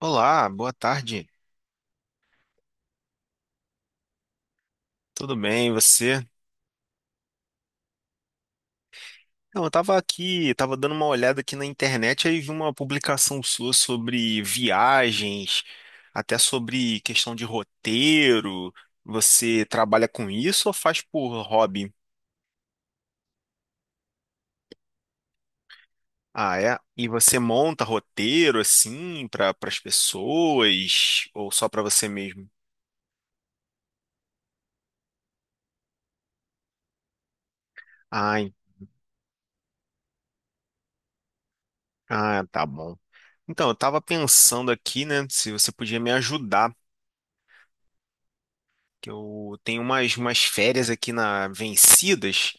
Olá, boa tarde. Tudo bem, e você? Não, eu tava aqui, tava dando uma olhada aqui na internet aí vi uma publicação sua sobre viagens, até sobre questão de roteiro. Você trabalha com isso ou faz por hobby? Ah, é? E você monta roteiro assim para as pessoas ou só para você mesmo? Ah, en- tá bom. Então, eu tava pensando aqui, né, se você podia me ajudar. Que eu tenho umas férias aqui na Vencidas,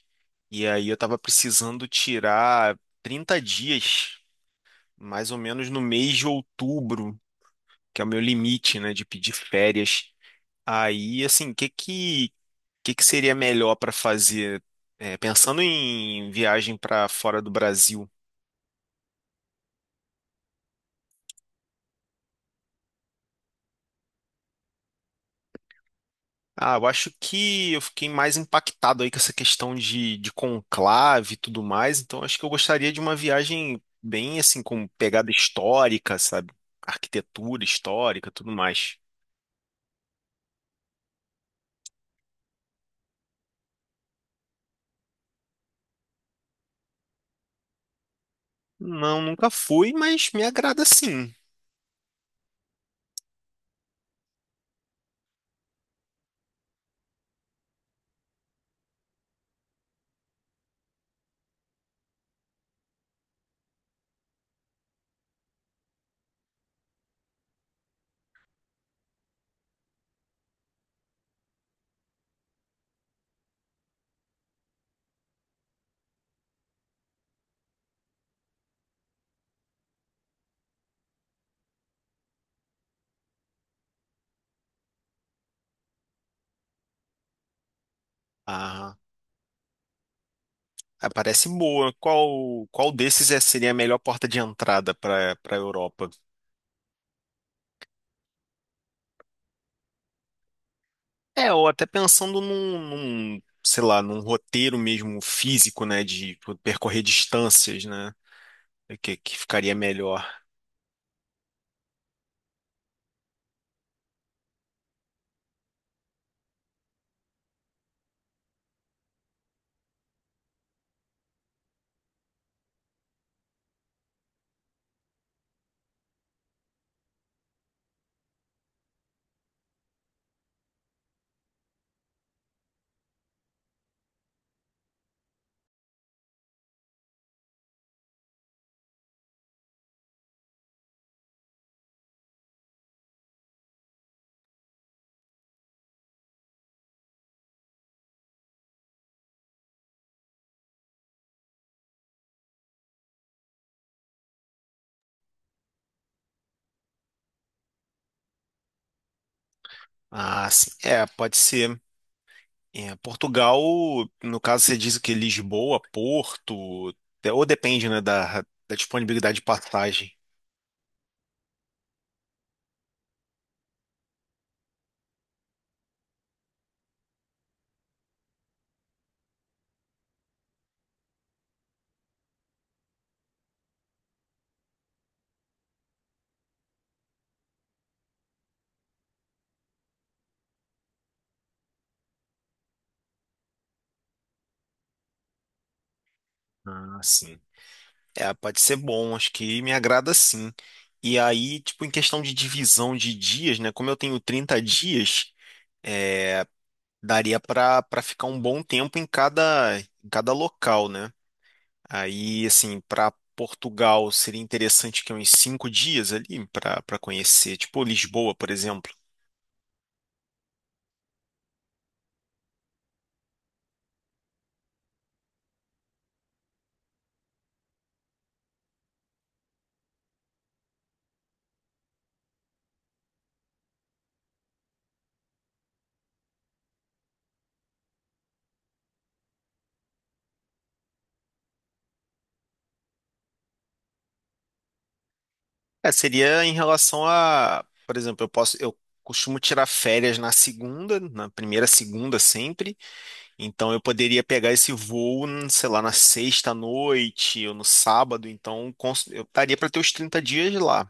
e aí eu tava precisando tirar 30 dias, mais ou menos no mês de outubro, que é o meu limite, né, de pedir férias. Aí, assim, que seria melhor para fazer? É, pensando em viagem para fora do Brasil. Ah, eu acho que eu fiquei mais impactado aí com essa questão de conclave e tudo mais, então acho que eu gostaria de uma viagem bem assim, com pegada histórica, sabe? Arquitetura histórica, tudo mais. Não, nunca fui, mas me agrada sim. Ah, ah, parece boa. Qual desses é, seria a melhor porta de entrada para a Europa? É, ou até pensando sei lá, num roteiro mesmo físico, né, de percorrer distâncias, né? Que ficaria melhor? Ah, sim. É, pode ser. É, Portugal, no caso, você diz que Lisboa, Porto, é, ou depende, né, da disponibilidade de passagem. Ah, sim. É, pode ser bom, acho que me agrada sim. E aí, tipo, em questão de divisão de dias, né, como eu tenho 30 dias, é, daria para ficar um bom tempo em em cada local, né? Aí, assim, para Portugal seria interessante que uns 5 dias ali para conhecer, tipo Lisboa, por exemplo. É, seria em relação a, por exemplo, eu costumo tirar férias na segunda, na primeira segunda sempre. Então eu poderia pegar esse voo, sei lá, na sexta à noite ou no sábado. Eu estaria para ter os 30 dias lá.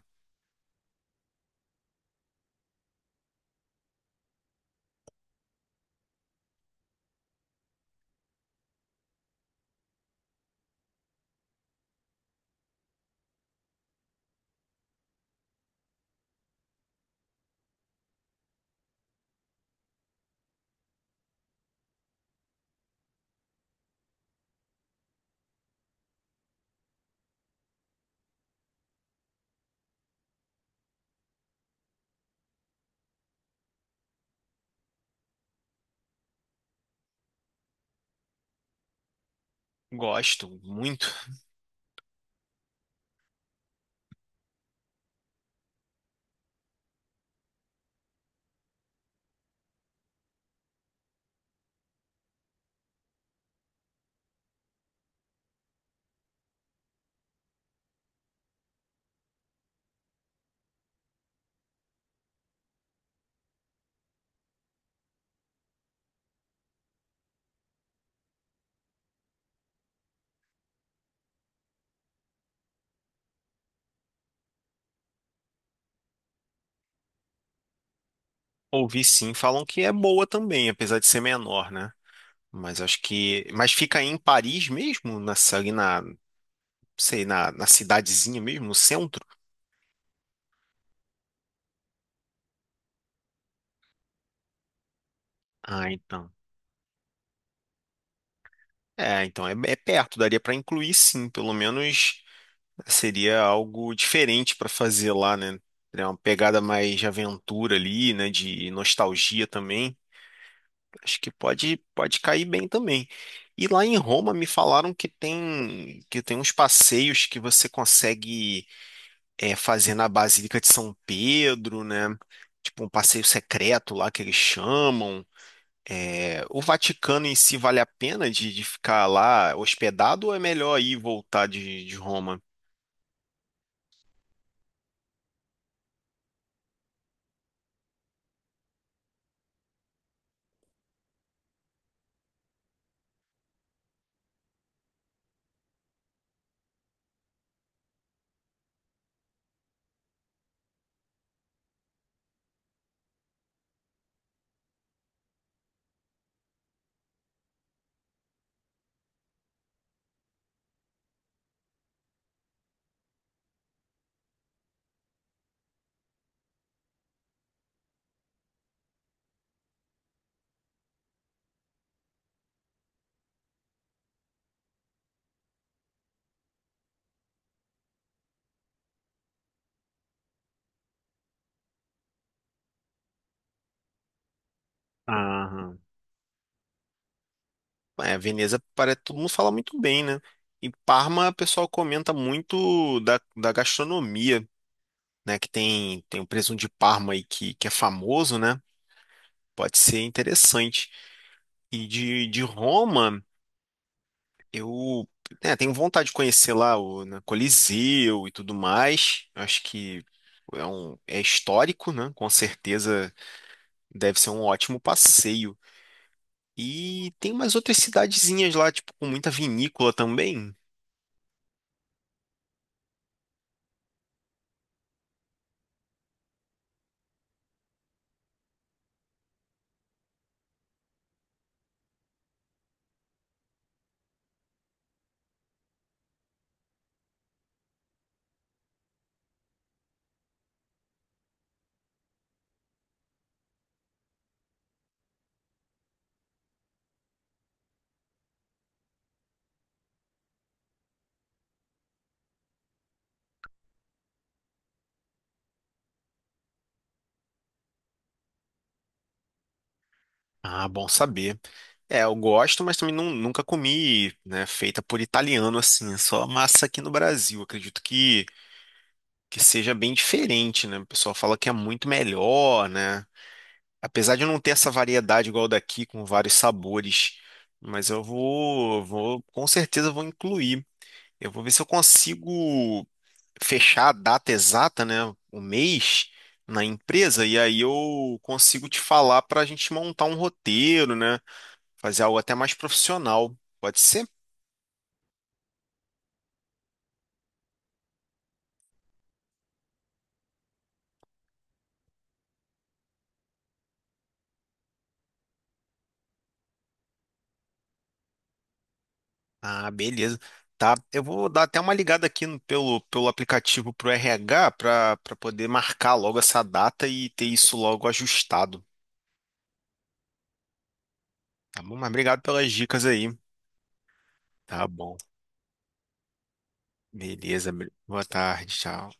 Gosto muito. Ouvi sim, falam que é boa também, apesar de ser menor, né? Mas acho que. Mas fica em Paris mesmo? Nessa, ali na, sei, na, na cidadezinha mesmo, no centro? Ah, então. É, então é, é perto, daria para incluir sim, pelo menos seria algo diferente para fazer lá, né? É uma pegada mais de aventura ali, né? De nostalgia também. Acho que pode cair bem também. E lá em Roma me falaram que tem uns passeios que você consegue, é, fazer na Basílica de São Pedro, né? Tipo um passeio secreto lá que eles chamam. É, o Vaticano em si vale a pena de ficar lá hospedado ou é melhor ir e voltar de Roma? Aham. É, Veneza, parece, todo mundo fala muito bem, né? E Parma, o pessoal comenta muito da gastronomia, né? Que tem o presunto de Parma aí que é famoso, né? Pode ser interessante. E de Roma. Eu, né, tenho vontade de conhecer lá, o, né, Coliseu e tudo mais. Acho que é um, é histórico, né? Com certeza deve ser um ótimo passeio. E tem umas outras cidadezinhas lá, tipo, com muita vinícola também. Ah, bom saber. É, eu gosto, mas também nunca comi, né, feita por italiano assim. É só massa aqui no Brasil. Acredito que seja bem diferente, né? O pessoal fala que é muito melhor, né? Apesar de não ter essa variedade igual daqui, com vários sabores, mas eu vou, com certeza vou incluir. Eu vou ver se eu consigo fechar a data exata, né, o mês na empresa, e aí eu consigo te falar para a gente montar um roteiro, né, fazer algo até mais profissional. Pode ser? Ah, beleza. Tá, eu vou dar até uma ligada aqui pelo, pelo aplicativo pro RH para poder marcar logo essa data e ter isso logo ajustado. Tá bom, mas obrigado pelas dicas aí. Tá bom. Beleza. Boa tarde, tchau.